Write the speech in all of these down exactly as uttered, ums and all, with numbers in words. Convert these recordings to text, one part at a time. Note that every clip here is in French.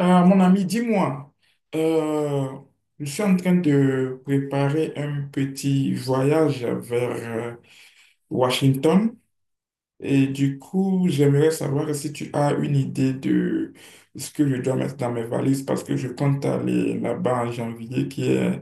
Euh, mon ami, dis-moi, euh, je suis en train de préparer un petit voyage vers euh, Washington. Et du coup, j'aimerais savoir si tu as une idée de ce que je dois mettre dans mes valises, parce que je compte aller là-bas en janvier, qui est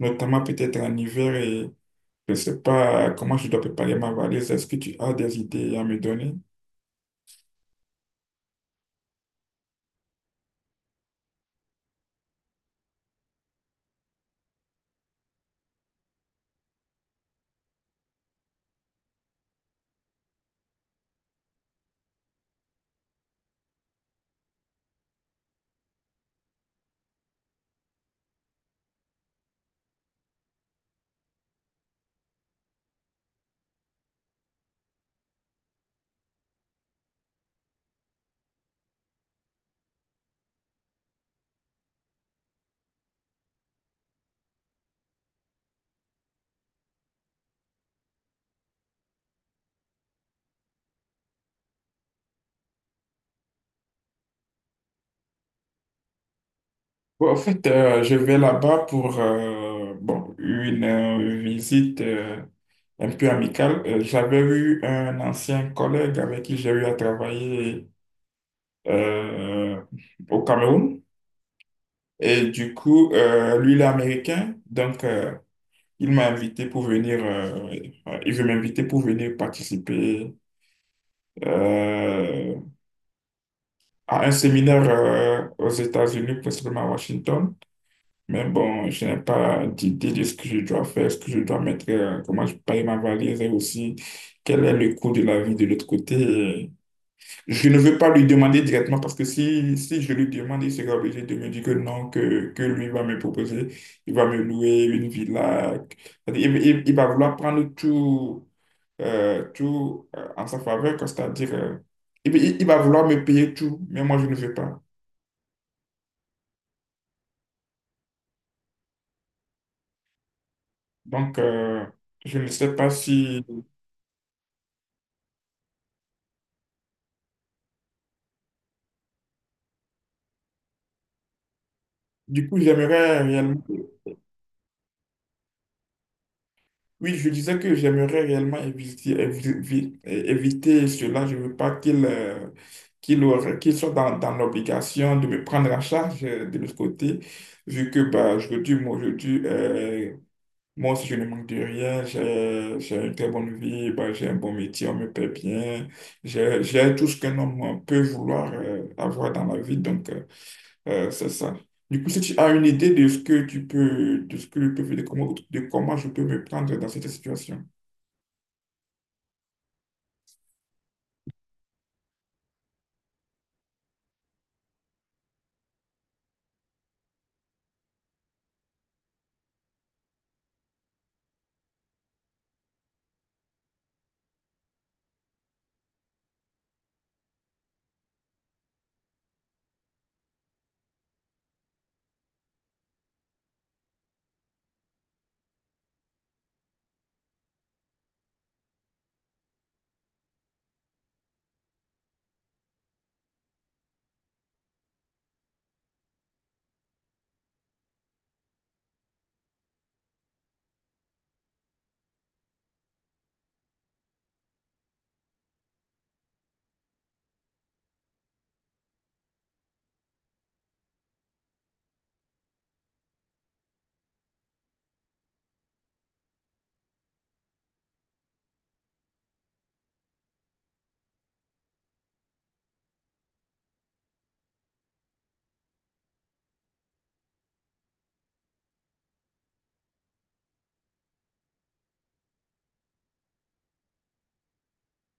notamment peut-être en hiver, et je ne sais pas comment je dois préparer ma valise. Est-ce que tu as des idées à me donner? Bon, en fait, euh, je vais là-bas pour euh, bon, une euh, visite euh, un peu amicale. Euh, J'avais eu un ancien collègue avec qui j'ai eu à travailler euh, au Cameroun. Et du coup, euh, lui, il est américain. Donc, euh, il m'a invité pour venir, euh, euh, il veut m'inviter pour venir participer euh, à un séminaire euh, aux États-Unis, principalement à Washington. Mais bon, je n'ai pas d'idée de ce que je dois faire, ce que je dois mettre, euh, comment je paye ma valise, et aussi quel est le coût de la vie de l'autre côté. Et je ne veux pas lui demander directement, parce que si, si je lui demande, il sera obligé de me dire que non, que, que lui va me proposer, il va me louer une villa. C'est-à-dire, Il, il- il va vouloir prendre tout, euh, tout euh, en sa faveur, quoi. C'est-à-dire, euh, il, il il va vouloir me payer tout, mais moi je ne veux pas. Donc, euh, je ne sais pas si... Du coup, j'aimerais réellement, oui, je disais que j'aimerais réellement éviter, évi- éviter cela. Je ne veux pas qu'il euh, qu'il aurait- qu'il soit dans, dans l'obligation de me prendre en charge euh, de l'autre côté, vu que bah, aujourd'hui, moi, aujourd'hui, euh, moi aussi, je ne manque de rien. J'ai j'ai une très bonne vie, bah, j'ai un bon métier, on me paie bien. J'ai j'ai tout ce qu'un homme peut vouloir euh, avoir dans la vie. Donc, euh, Euh, c'est ça. Du coup, si tu as une idée de ce que tu peux, de ce que je peux faire, de comment, de comment je peux me prendre dans cette situation.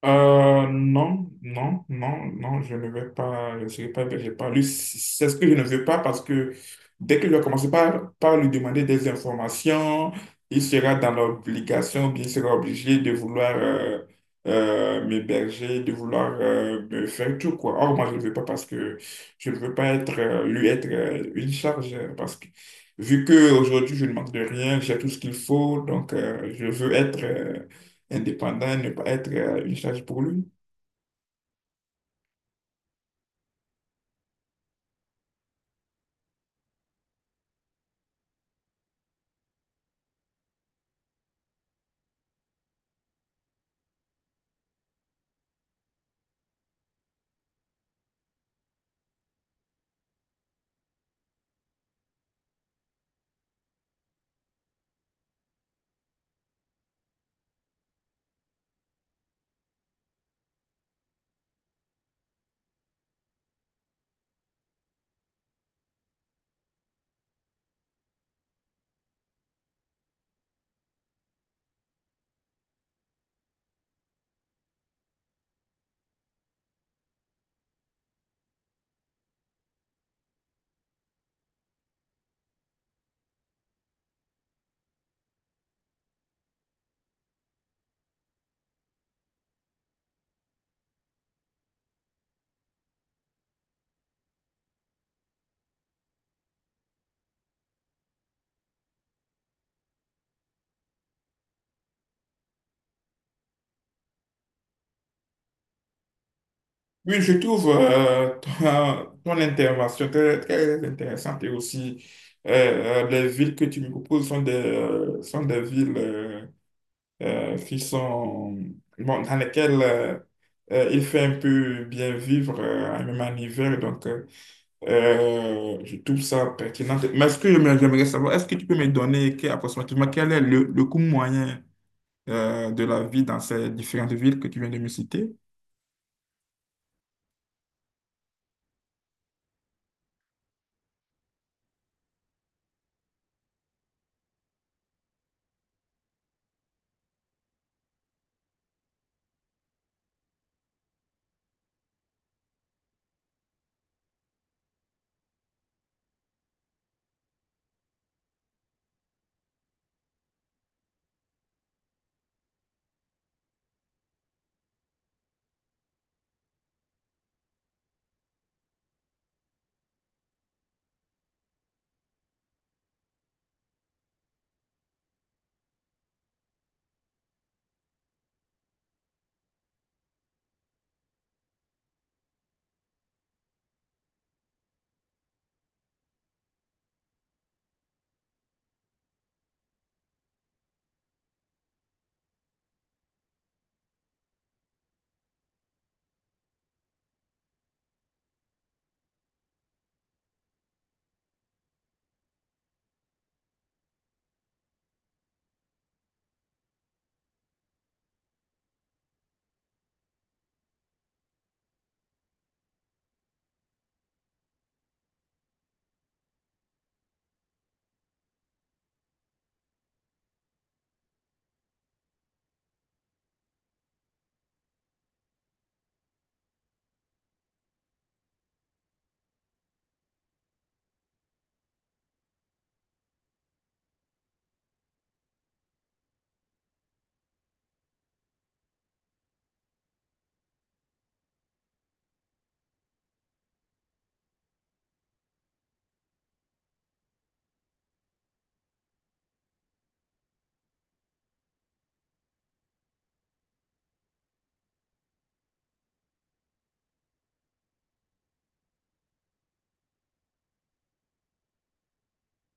Euh, non, non, non, non, je ne vais pas, je ne serai pas hébergé par lui. C'est ce que je ne veux pas, parce que dès que je vais commencer par, par lui demander des informations, il sera dans l'obligation, bien, il sera obligé de vouloir euh, euh, m'héberger, de vouloir euh, me faire tout, quoi. Or, moi, je ne veux pas, parce que je ne veux pas être, euh, lui être euh, une charge euh, parce que vu qu'aujourd'hui, je ne manque de rien, j'ai tout ce qu'il faut, donc euh, je veux être euh, indépendant et ne pas être euh, une charge pour lui. Oui, je trouve euh, ton, ton intervention très, très intéressante, et aussi euh, euh, les villes que tu me proposes sont des, euh, sont des villes euh, euh, qui sont, bon, dans lesquelles euh, euh, il fait un peu bien vivre, euh, même en hiver. Donc, euh, euh, je trouve ça pertinent. Mais ce que j'aimerais j'aimerais savoir, est-ce que tu peux me donner que- approximativement quel est le, le coût moyen euh, de la vie dans ces différentes villes que tu viens de me citer?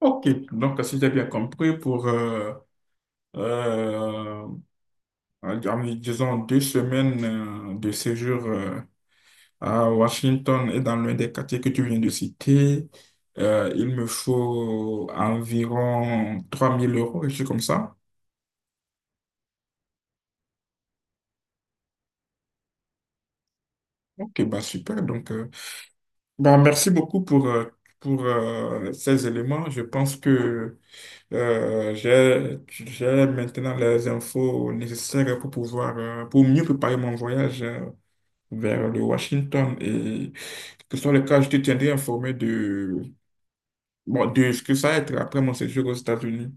Ok, donc si j'ai bien compris, pour, euh, euh, euh, disons, deux semaines euh, de séjour euh, à Washington, et dans l'un des quartiers que tu viens de citer, euh, il me faut environ trois mille euros, et c'est comme ça. Ok, bah super, donc euh, bon, merci beaucoup pour, euh, pour euh, ces éléments. Je pense que euh, j'ai, j'ai maintenant les infos nécessaires pour pouvoir, euh, pour mieux préparer mon voyage euh, vers le Washington. Et que ce soit le cas, je te tiendrai informé de, bon, de ce que ça va être après mon séjour aux États-Unis.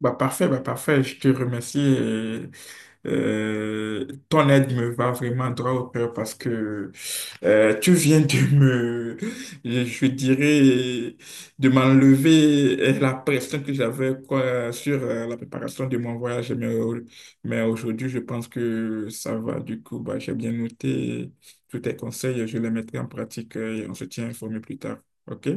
Bah parfait, bah parfait, je te remercie. Et, euh, ton aide me va vraiment droit au cœur, parce que euh, tu viens de me, je dirais, de m'enlever euh, la pression que j'avais, quoi, sur euh, la préparation de mon voyage. Mais, au- mais aujourd'hui, je pense que ça va. Du coup, bah, j'ai bien noté tous tes conseils, je les mettrai en pratique, euh, et on se tient informé plus tard. OK?